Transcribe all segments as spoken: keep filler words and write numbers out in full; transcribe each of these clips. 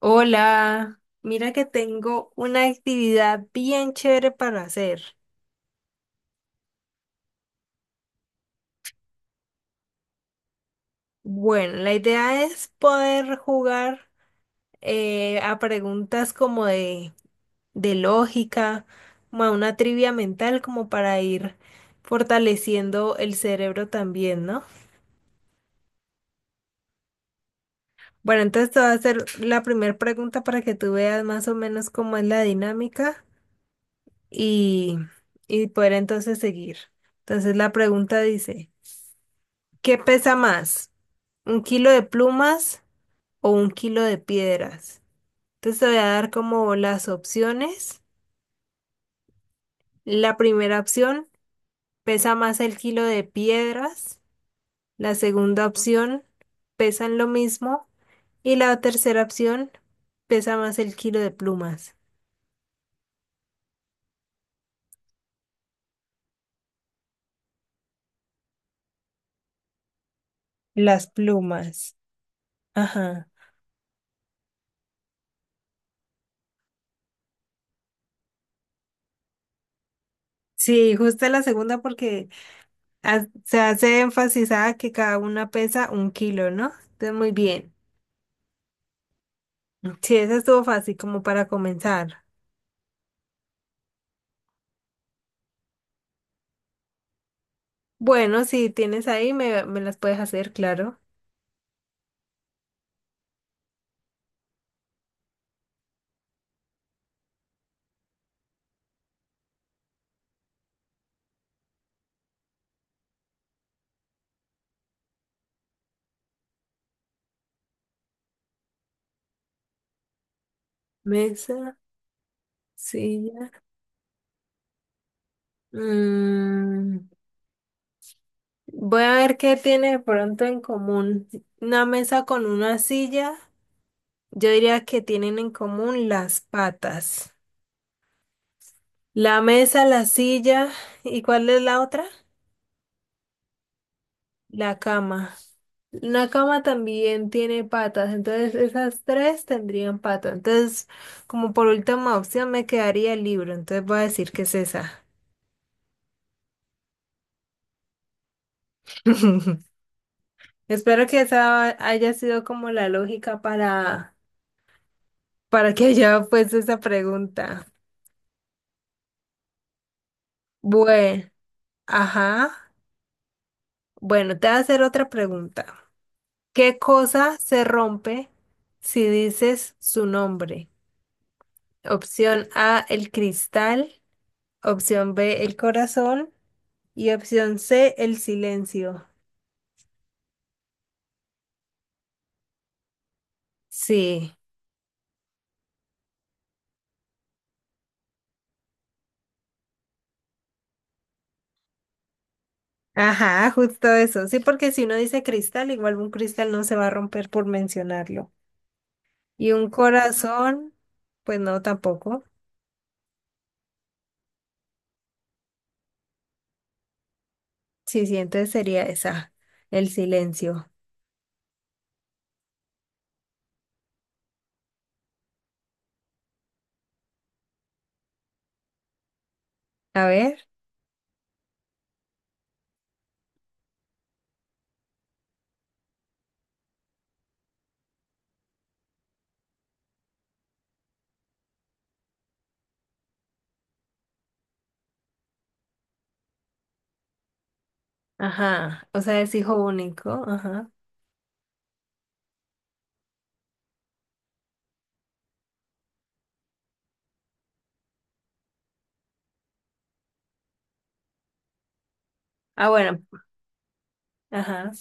Hola, mira que tengo una actividad bien chévere para hacer. Bueno, la idea es poder jugar eh, a preguntas como de, de lógica, como a una trivia mental, como para ir fortaleciendo el cerebro también, ¿no? Bueno, entonces te voy a hacer la primera pregunta para que tú veas más o menos cómo es la dinámica y, y poder entonces seguir. Entonces la pregunta dice, ¿qué pesa más? ¿Un kilo de plumas o un kilo de piedras? Entonces te voy a dar como las opciones. La primera opción, pesa más el kilo de piedras. La segunda opción, pesan lo mismo. Y la tercera opción, pesa más el kilo de plumas. Las plumas. Ajá. Sí, justo la segunda porque ha- se hace énfasis a que cada una pesa un kilo, ¿no? Entonces, muy bien. Sí, esa estuvo fácil como para comenzar. Bueno, si tienes ahí, me, me las puedes hacer, claro. Mesa, silla. Mm, voy a ver qué tiene de pronto en común. Una mesa con una silla, yo diría que tienen en común las patas. La mesa, la silla, ¿y cuál es la otra? La cama. Una cama también tiene patas, entonces esas tres tendrían patas. Entonces, como por última opción, me quedaría el libro, entonces voy a decir que es esa. Espero que esa haya sido como la lógica para, para que haya puesto esa pregunta. Bueno, ajá. Bueno, te voy a hacer otra pregunta. ¿Qué cosa se rompe si dices su nombre? Opción A, el cristal. Opción B, el corazón. Y opción C, el silencio. Sí. Ajá, justo eso. Sí, porque si uno dice cristal, igual un cristal no se va a romper por mencionarlo. Y un corazón, pues no, tampoco. Sí, sí, entonces sería esa, el silencio. A ver, ajá, o sea, es hijo único, ajá. Ah, bueno, ajá.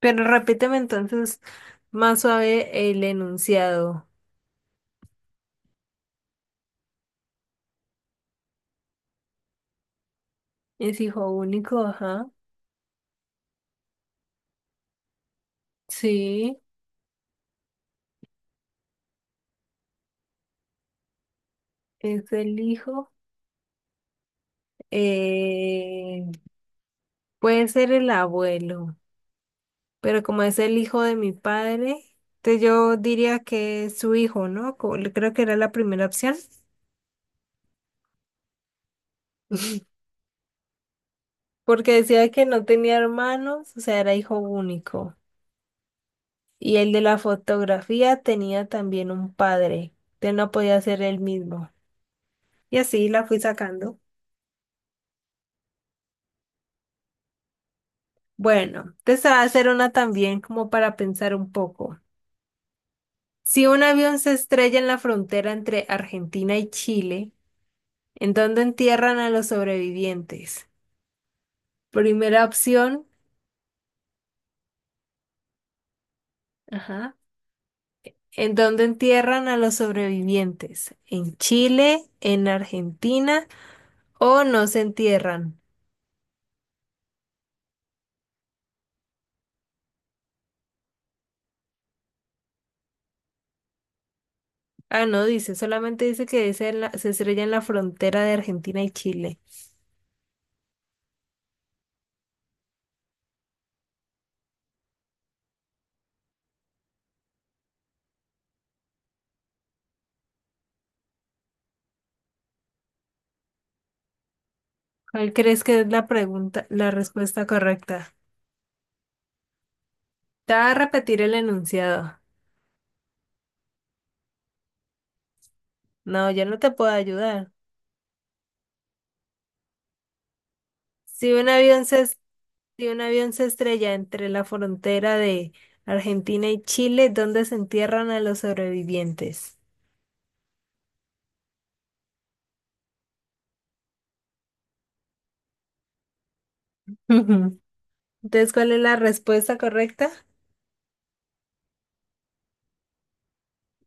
Pero repíteme entonces más suave el enunciado. Es hijo único, ajá. Sí, es el hijo. Eh, puede ser el abuelo. Pero como es el hijo de mi padre, entonces yo diría que es su hijo, ¿no? Co- Creo que era la primera opción, porque decía que no tenía hermanos, o sea, era hijo único. Y el de la fotografía tenía también un padre, entonces no podía ser él mismo. Y así la fui sacando. Bueno, te va a hacer una también como para pensar un poco. Si un avión se estrella en la frontera entre Argentina y Chile, ¿en dónde entierran a los sobrevivientes? Primera opción, ajá. ¿En dónde entierran a los sobrevivientes? ¿En Chile, en Argentina o no se entierran? Ah, no dice, solamente dice que es en la- se estrella en la frontera de Argentina y Chile. ¿Cuál crees que es la pregunta, la respuesta correcta? Te va a repetir el enunciado. No, ya no te puedo ayudar. Si un avión se, es- Si un avión se estrella entre la frontera de Argentina y Chile, ¿dónde se entierran a los sobrevivientes? Entonces, ¿cuál es la respuesta correcta?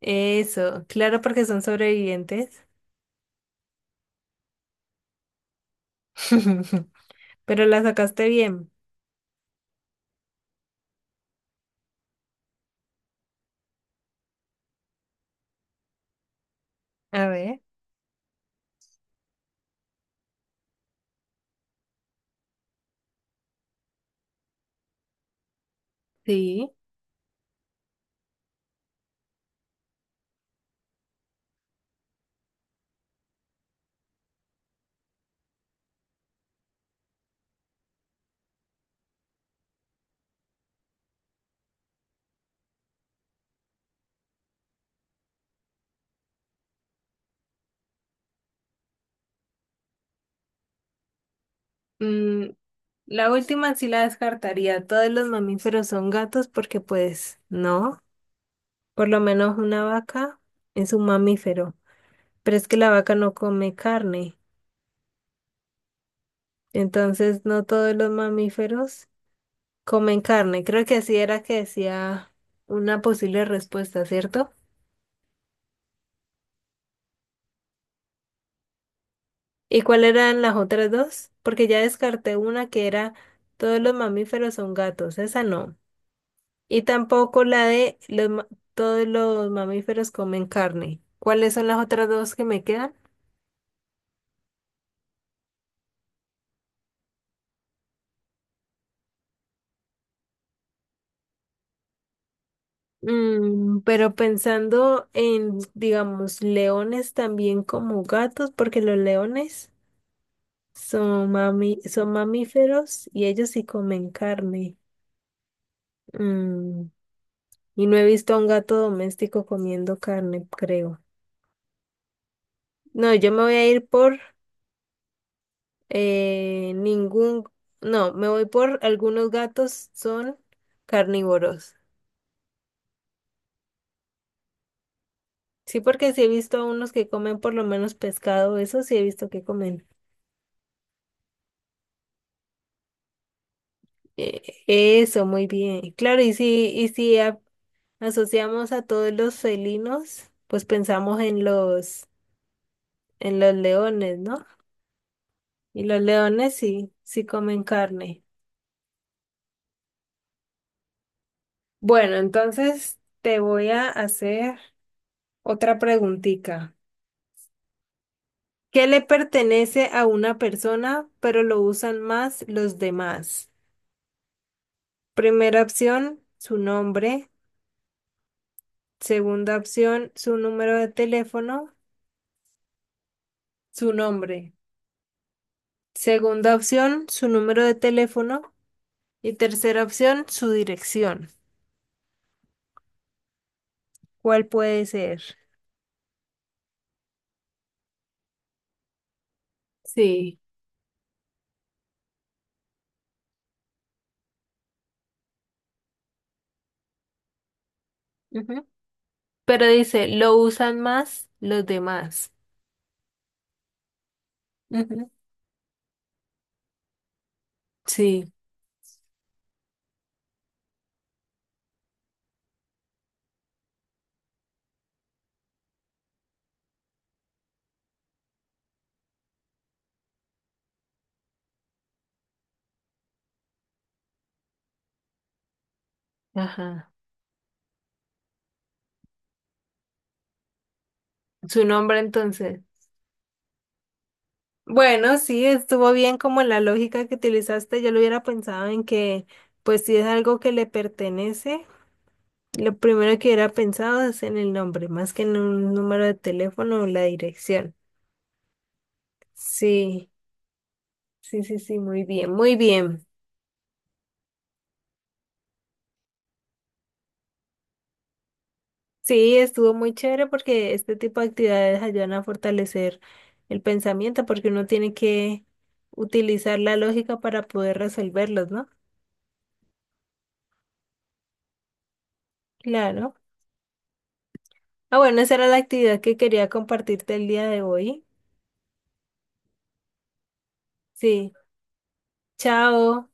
Eso, claro, porque son sobrevivientes. Pero la sacaste bien. A ver, sí. Mm, la última sí la descartaría. Todos los mamíferos son gatos porque pues no. Por lo menos una vaca es un mamífero. Pero es que la vaca no come carne. Entonces, no todos los mamíferos comen carne. Creo que así era que decía una posible respuesta, ¿cierto? ¿Y cuáles eran las otras dos? Porque ya descarté una que era todos los mamíferos son gatos, esa no. Y tampoco la de los, ma- todos los mamíferos comen carne. ¿Cuáles son las otras dos que me quedan? Mm, pero pensando en, digamos, leones también como gatos, porque los leones son mami- son mamíferos y ellos sí comen carne. Mm, y no he visto a un gato doméstico comiendo carne, creo. No, yo me voy a ir por eh, ningún, no, me voy por algunos gatos son carnívoros. Sí, porque sí he visto a unos que comen por lo menos pescado, eso sí he visto que comen. Eh, eso, muy bien. Claro, y si, y si a- asociamos a todos los felinos, pues pensamos en los, en los leones, ¿no? Y los leones sí, sí comen carne. Bueno, entonces te voy a hacer otra preguntita. Que le pertenece a una persona, pero lo usan más los demás. Primera opción, su nombre. Segunda opción, su número de teléfono, su nombre. Segunda opción, su número de teléfono. Y tercera opción, su dirección. ¿Cuál puede ser? Sí. Ujú. Pero dice, lo usan más los demás. Ujú. Sí. Ajá. Su nombre entonces. Bueno, sí, estuvo bien como la lógica que utilizaste. Yo lo hubiera pensado en que, pues si es algo que le pertenece, lo primero que hubiera pensado es en el nombre, más que en un número de teléfono o la dirección. Sí, sí, sí, sí, muy bien, muy bien. Sí, estuvo muy chévere porque este tipo de actividades ayudan a fortalecer el pensamiento porque uno tiene que utilizar la lógica para poder resolverlos, ¿no? Claro. Ah, bueno, esa era la actividad que quería compartirte el día de hoy. Sí, chao.